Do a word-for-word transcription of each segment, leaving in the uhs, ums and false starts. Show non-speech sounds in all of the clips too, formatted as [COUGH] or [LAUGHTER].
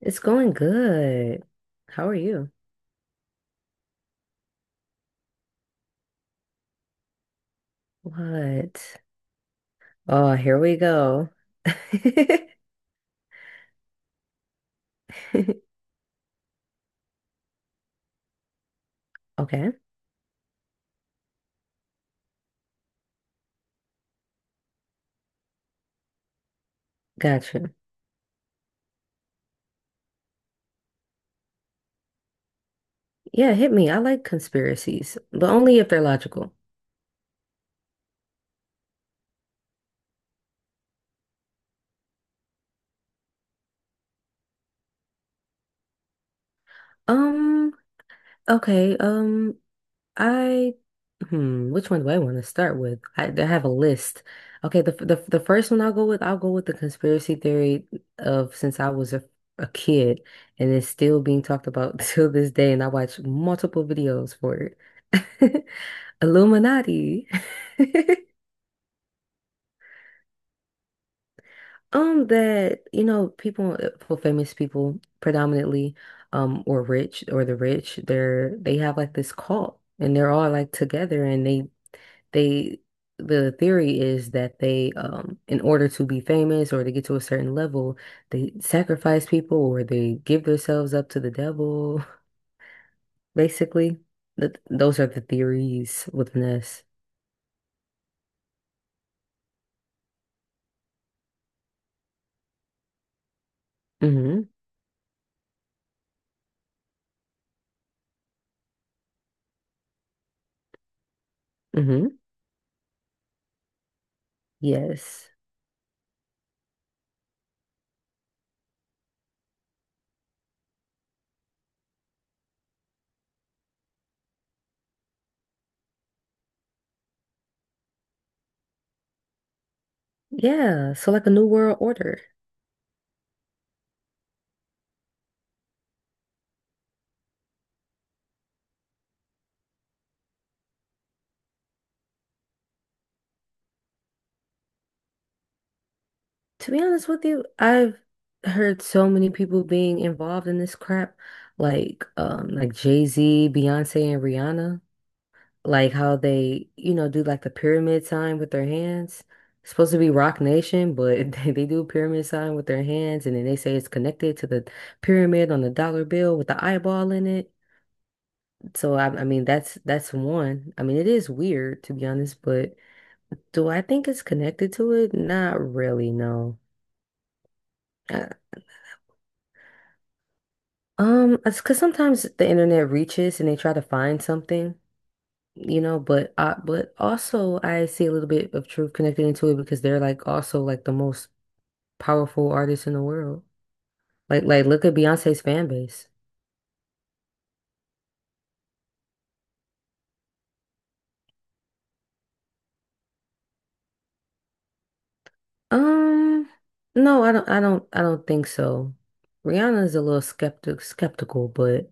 It's going good. How are you? What? Oh, here we go. [LAUGHS] Okay, gotcha. Yeah, hit me. I like conspiracies, but only if they're logical. Um, okay, um, I, hmm, which one do I want to start with? I, I have a list. Okay, the, the the first one I'll go with, I'll go with the conspiracy theory of since I was a, a kid, and it's still being talked about [LAUGHS] till this day, and I watch multiple videos for it. [LAUGHS] Illuminati. [LAUGHS] Um, that, you know, people, well, famous people predominantly, um, or rich or the rich, they're, they have like this cult and they're all like together and they, they, the theory is that they, um, in order to be famous or to get to a certain level, they sacrifice people or they give themselves up to the devil. [LAUGHS] Basically, that those are the theories within us. Mm-hmm. Mm-hmm. Yes. Yeah, so like a new world order. To be honest with you, I've heard so many people being involved in this crap, like um like Jay-Z, Beyonce, and Rihanna, like how they, you know, do like the pyramid sign with their hands. It's supposed to be Rock Nation, but [LAUGHS] they, they do a pyramid sign with their hands and then they say it's connected to the pyramid on the dollar bill with the eyeball in it. So I, I mean that's that's one. I mean it is weird to be honest, but do I think it's connected to it? Not really, no. Uh, um, it's because sometimes the internet reaches and they try to find something, you know, but I, but also I see a little bit of truth connected into it because they're like also like the most powerful artists in the world. Like like look at Beyonce's fan base. Um, no, I don't I don't I don't think so. Rihanna is a little skeptic skeptical, but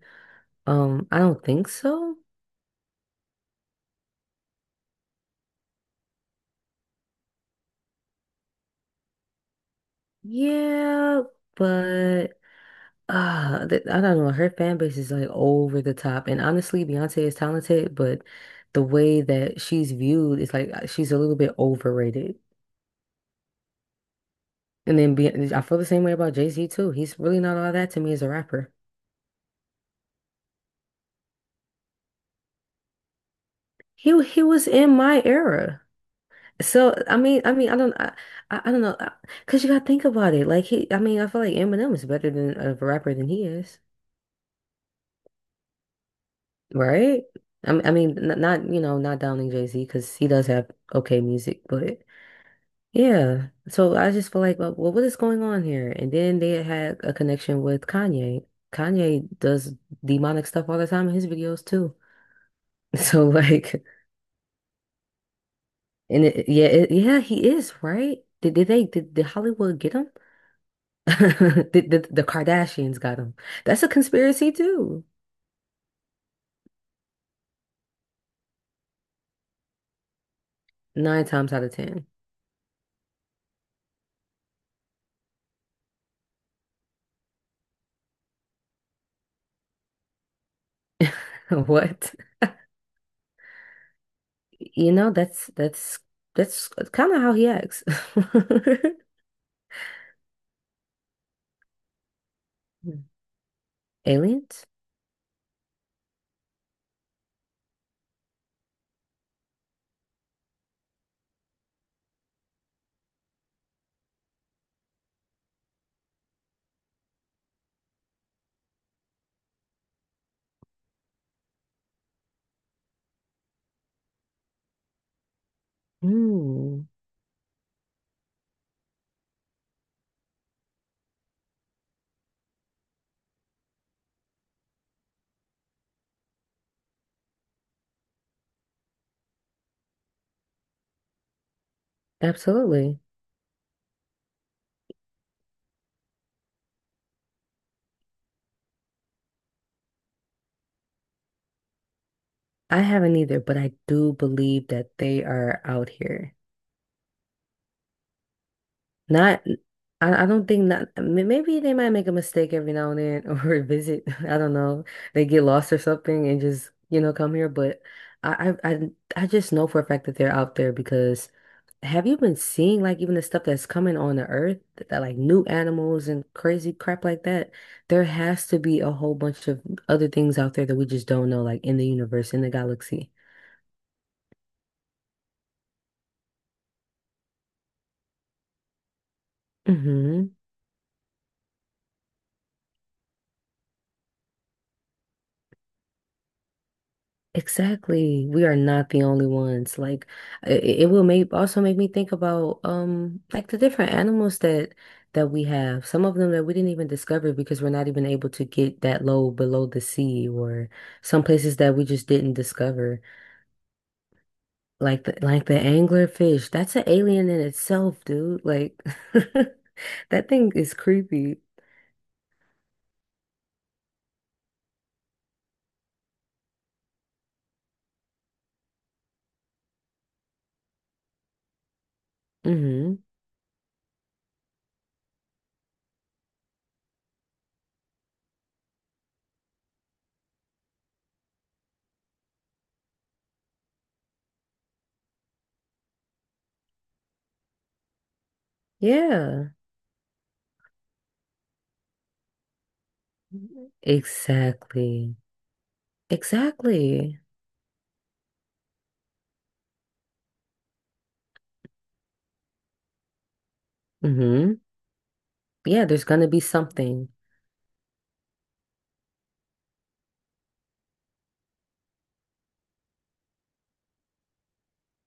um I don't think so. Yeah, but Ah, th I don't know. Her fan base is like over the top, and honestly, Beyonce is talented, but the way that she's viewed is like uh, she's a little bit overrated. And then Be I feel the same way about Jay-Z too. He's really not all that to me as a rapper. He he was in my era, so I mean, I mean, I don't, I, I I don't know, I- cause you gotta think about it. Like he, I mean, I feel like Eminem is better than of a rapper than he is, right? I mean, I mean, n- not you know, not downing Jay-Z because he does have okay music, but. Yeah. So I just feel like, well, what what is going on here? And then they had a connection with Kanye. Kanye does demonic stuff all the time in his videos too. [LAUGHS] So like, and it, yeah, it, yeah, he is, right? Did, did they did, did Hollywood get him? [LAUGHS] Did, did the Kardashians got him? That's a conspiracy too. Nine times out of ten. [LAUGHS] What? You know, that's that's that's kind of how he acts. [LAUGHS] Aliens? Hmm. Absolutely. I haven't either, but I do believe that they are out here. Not, I, I don't think not, m- maybe they might make a mistake every now and then [LAUGHS] or visit. I don't know. They get lost or something and just, you know, come here. But I, I, I, I just know for a fact that they're out there because have you been seeing like even the stuff that's coming on the earth that, that, like new animals and crazy crap like that? There has to be a whole bunch of other things out there that we just don't know, like in the universe, in the galaxy. Hmm. Exactly. We are not the only ones. Like it, it will make also make me think about um like the different animals that that we have. Some of them that we didn't even discover because we're not even able to get that low below the sea or some places that we just didn't discover. Like the like the anglerfish. That's an alien in itself, dude. Like [LAUGHS] that thing is creepy. Hmm. Yeah. Exactly. Exactly. Hmm. Yeah, there's gonna be something.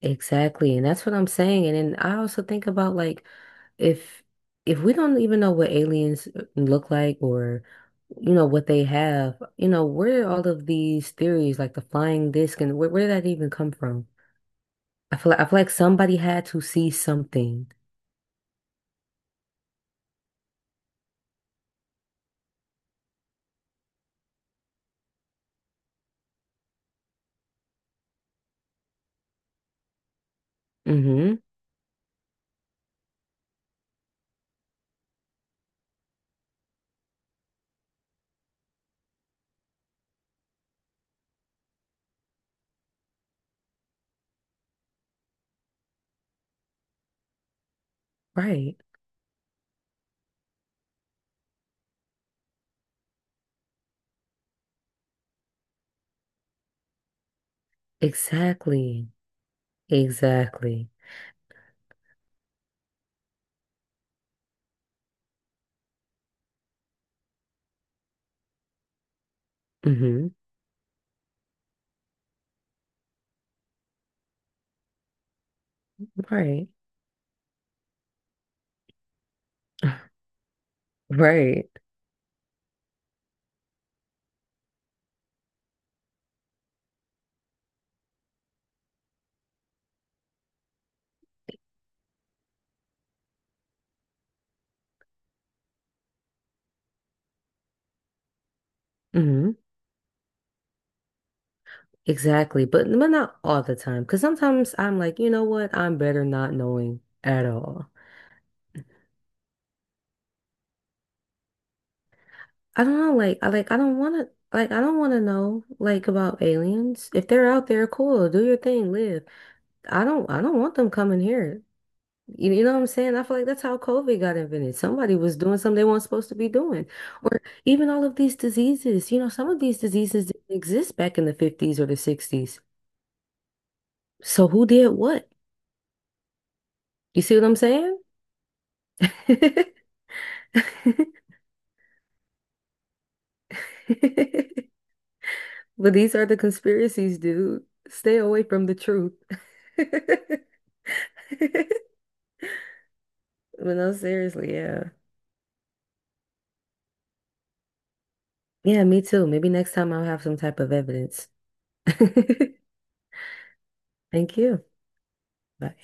Exactly. And that's what I'm saying. And then I also think about like if if we don't even know what aliens uh, look like or you know what they have, you know, where are all of these theories like the flying disc and where, where did that even come from? I feel like I feel like somebody had to see something. Mm-hmm. Right. Exactly. Exactly. Mm-hmm. Right. [SIGHS] [LAUGHS] Right. Mhm. Exactly, but but not all the time. Cause sometimes I'm like, you know what? I'm better not knowing at all. I don't know, like I like I don't wanna like I don't wanna know like about aliens. If they're out there, cool, do your thing, live. I don't I don't want them coming here. You, you know what I'm saying? I feel like that's how COVID got invented. Somebody was doing something they weren't supposed to be doing. Or even all of these diseases, you know, some of these diseases didn't exist back in the fifties or the sixties. So who did what? You see what I'm saying? [LAUGHS] [LAUGHS] But these are the conspiracies, dude. Stay away from the truth. [LAUGHS] But no, seriously, yeah. Yeah, me too. Maybe next time I'll have some type of evidence. [LAUGHS] Thank you. Bye.